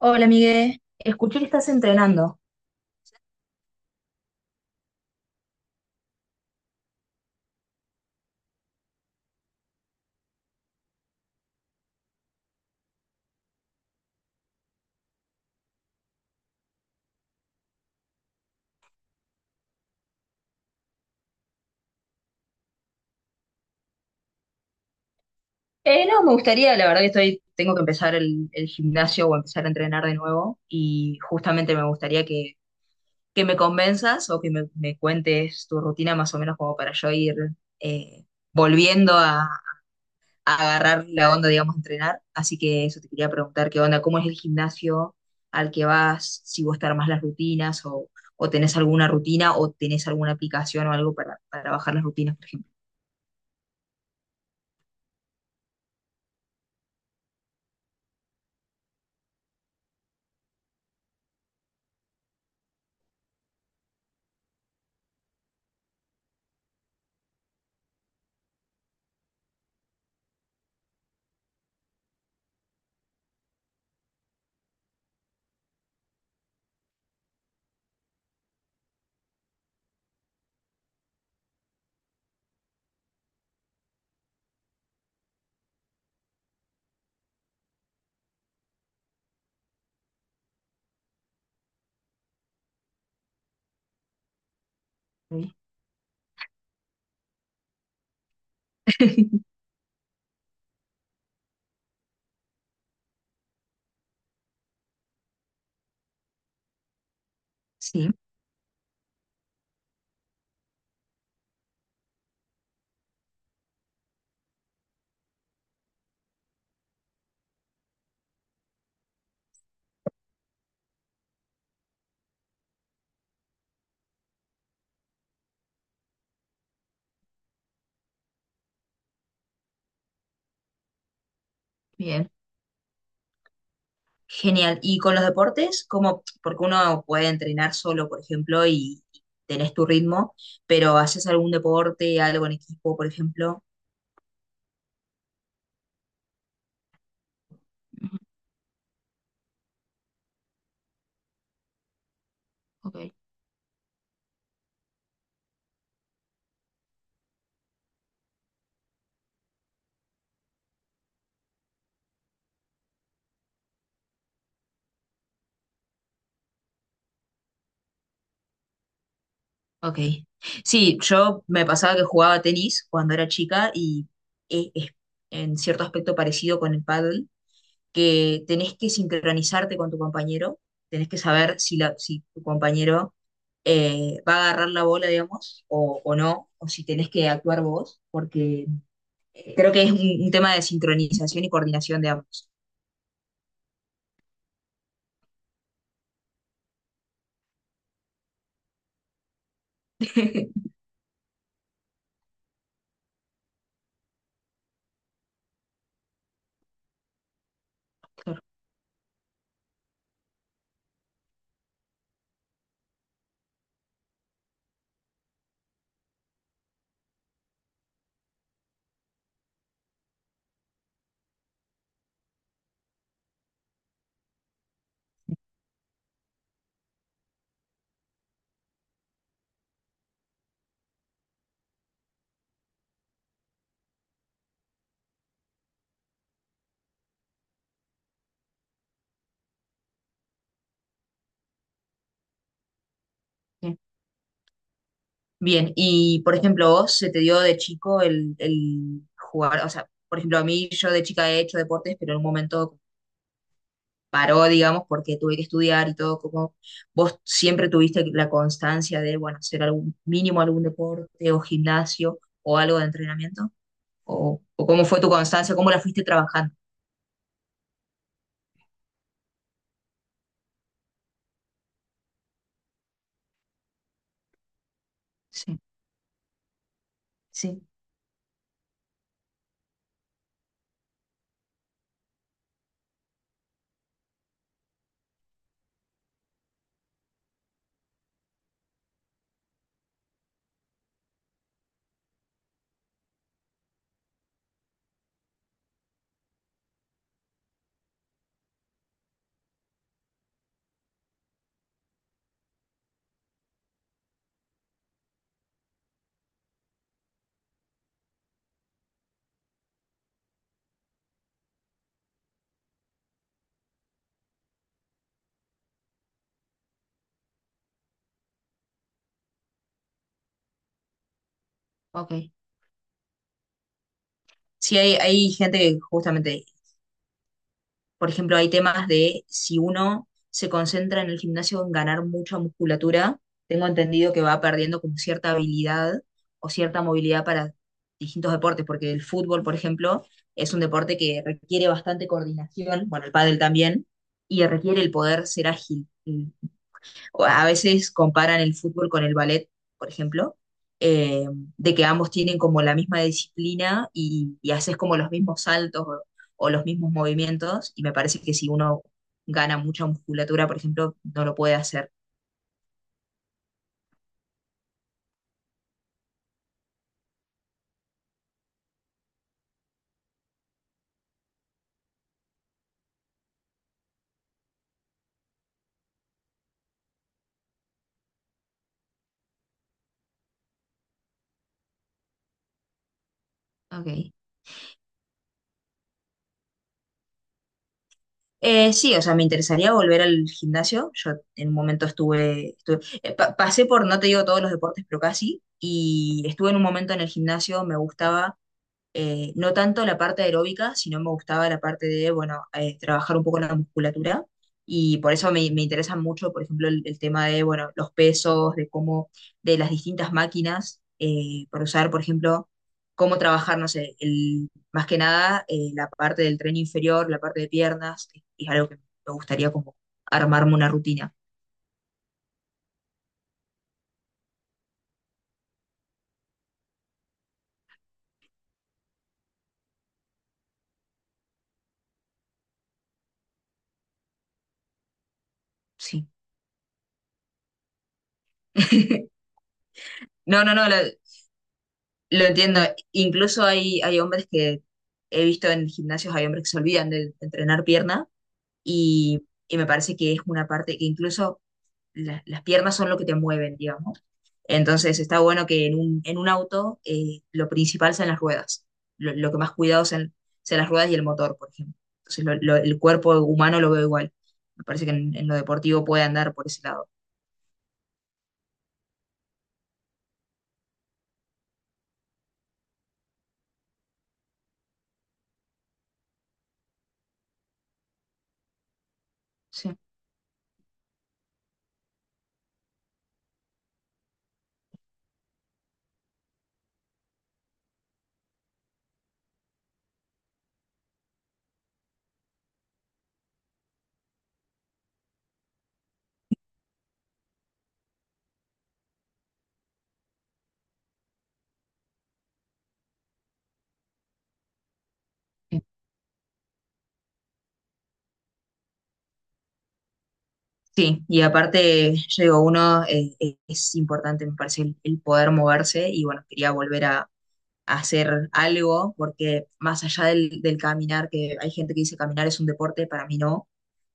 Hola, Miguel. Escuché que estás entrenando. No, me gustaría, la verdad que estoy, tengo que empezar el gimnasio o empezar a entrenar de nuevo y justamente me gustaría que me convenzas o que me cuentes tu rutina más o menos como para yo ir eh, volviendo a agarrar la onda, digamos, a entrenar. Así que eso te quería preguntar, ¿qué onda? ¿Cómo es el gimnasio al que vas? ¿Si vos te armás las o tenés alguna rutina o tenés alguna aplicación o algo para bajar las rutinas, por ejemplo? Sí. Sí. Bien, genial. ¿Y con los deportes? ¿Cómo? Porque uno puede entrenar solo, por ejemplo, y tenés tu ritmo, pero ¿haces algún deporte, algo en equipo, por ejemplo? Ujú. Ok. Ok. Sí, yo me pasaba que jugaba tenis cuando era chica y es en cierto aspecto parecido con el pádel, que tenés que sincronizarte con tu compañero, tenés que saber si tu compañero va a agarrar la bola, digamos, o no, o si tenés que actuar vos, porque creo que es un tema de sincronización y coordinación de ambos. Claro, bien. Bien, y por ejemplo, vos se te dio de chico el jugar, o sea, por ejemplo, a mí yo de chica he hecho deportes, pero en un momento paró, digamos, porque tuve que estudiar y todo. Como vos siempre tuviste la constancia de, bueno, hacer algún mínimo algún deporte o gimnasio o algo de entrenamiento, o cómo fue tu constancia, cómo la fuiste trabajando. Sí, sí, ok. Sí, hay gente que justamente, por ejemplo, hay temas de si uno se concentra en el gimnasio en ganar mucha musculatura, tengo entendido que va perdiendo como cierta habilidad o cierta movilidad para distintos deportes, porque el fútbol, por ejemplo, es un deporte que requiere bastante coordinación, bueno, el pádel también, y requiere el poder ser ágil, el o a veces comparan el fútbol con el ballet, por ejemplo, eh, de que ambos tienen como la misma disciplina y haces como los mismos o los mismos movimientos, y me parece que si uno gana mucha musculatura, por ejemplo, no lo puede hacer. Ok. Sí, o sea, me interesaría volver al gimnasio. Yo en un momento estuve, pasé por, no te digo todos los deportes, pero casi, y estuve en un momento en el gimnasio, me gustaba no tanto la parte aeróbica, sino me gustaba la parte de, bueno, trabajar un poco la musculatura. Y por eso me interesa mucho, por ejemplo, el tema de, bueno, los pesos, de cómo, de las distintas máquinas, para usar, por ejemplo, cómo trabajar, no sé, el, más que nada la parte del tren inferior, la parte de piernas, es algo que me gustaría como armarme una rutina, sí. No, no, no, lo entiendo. Incluso hay hombres que he visto en gimnasios, hay hombres que se olvidan de entrenar pierna y me parece que es una parte que incluso las piernas son lo que te mueven, digamos. Entonces está bueno que en en un auto lo principal sean las ruedas. Lo que más cuidado sean las ruedas y el motor, por ejemplo. Entonces el cuerpo humano lo veo igual. Me parece que en lo deportivo puede andar por ese lado. Sí. Sí, y aparte, yo digo, uno es importante, me parece, el poder moverse y bueno, quería volver a hacer algo porque más allá del caminar, que hay gente que dice caminar es un deporte, para mí no,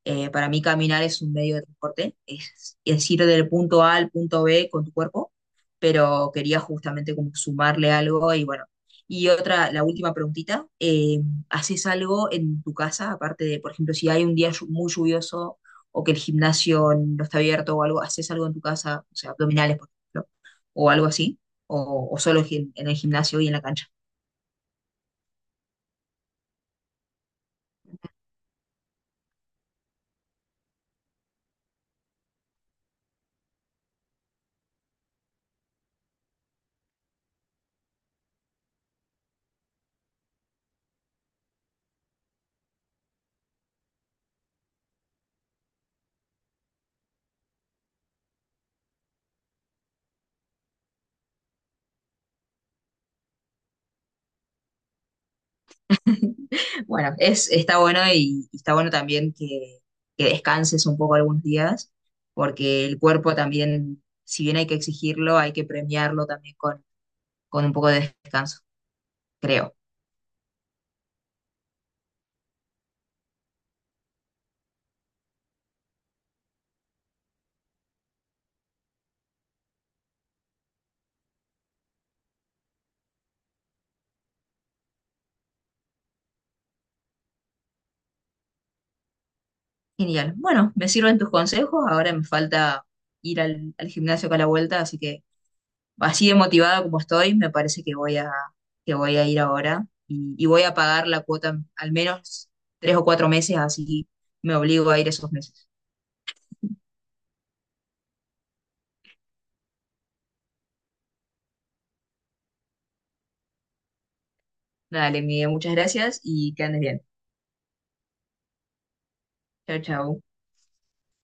para mí caminar es un medio de transporte, es ir del punto A al punto B con tu cuerpo, pero quería justamente como sumarle algo y bueno. Y otra, la última preguntita, ¿haces algo en tu casa, aparte de, por ejemplo, si hay un día muy lluvioso o que el gimnasio no está abierto o algo? ¿Haces algo en tu casa, o sea, abdominales, por ejemplo, o algo así? O solo en el gimnasio y en la cancha? Bueno, está bueno y está bueno también que descanses un poco algunos días, porque el cuerpo también, si bien hay que exigirlo, hay que premiarlo también con un poco de descanso, creo. Genial. Bueno, me sirven tus consejos, ahora me falta ir al gimnasio acá a la vuelta, así que así de motivada como estoy, me parece que que voy a ir ahora y voy a pagar la cuota al menos tres o cuatro meses, así me obligo a ir esos meses. Dale, Miguel, muchas gracias y que andes bien. Chao, chao.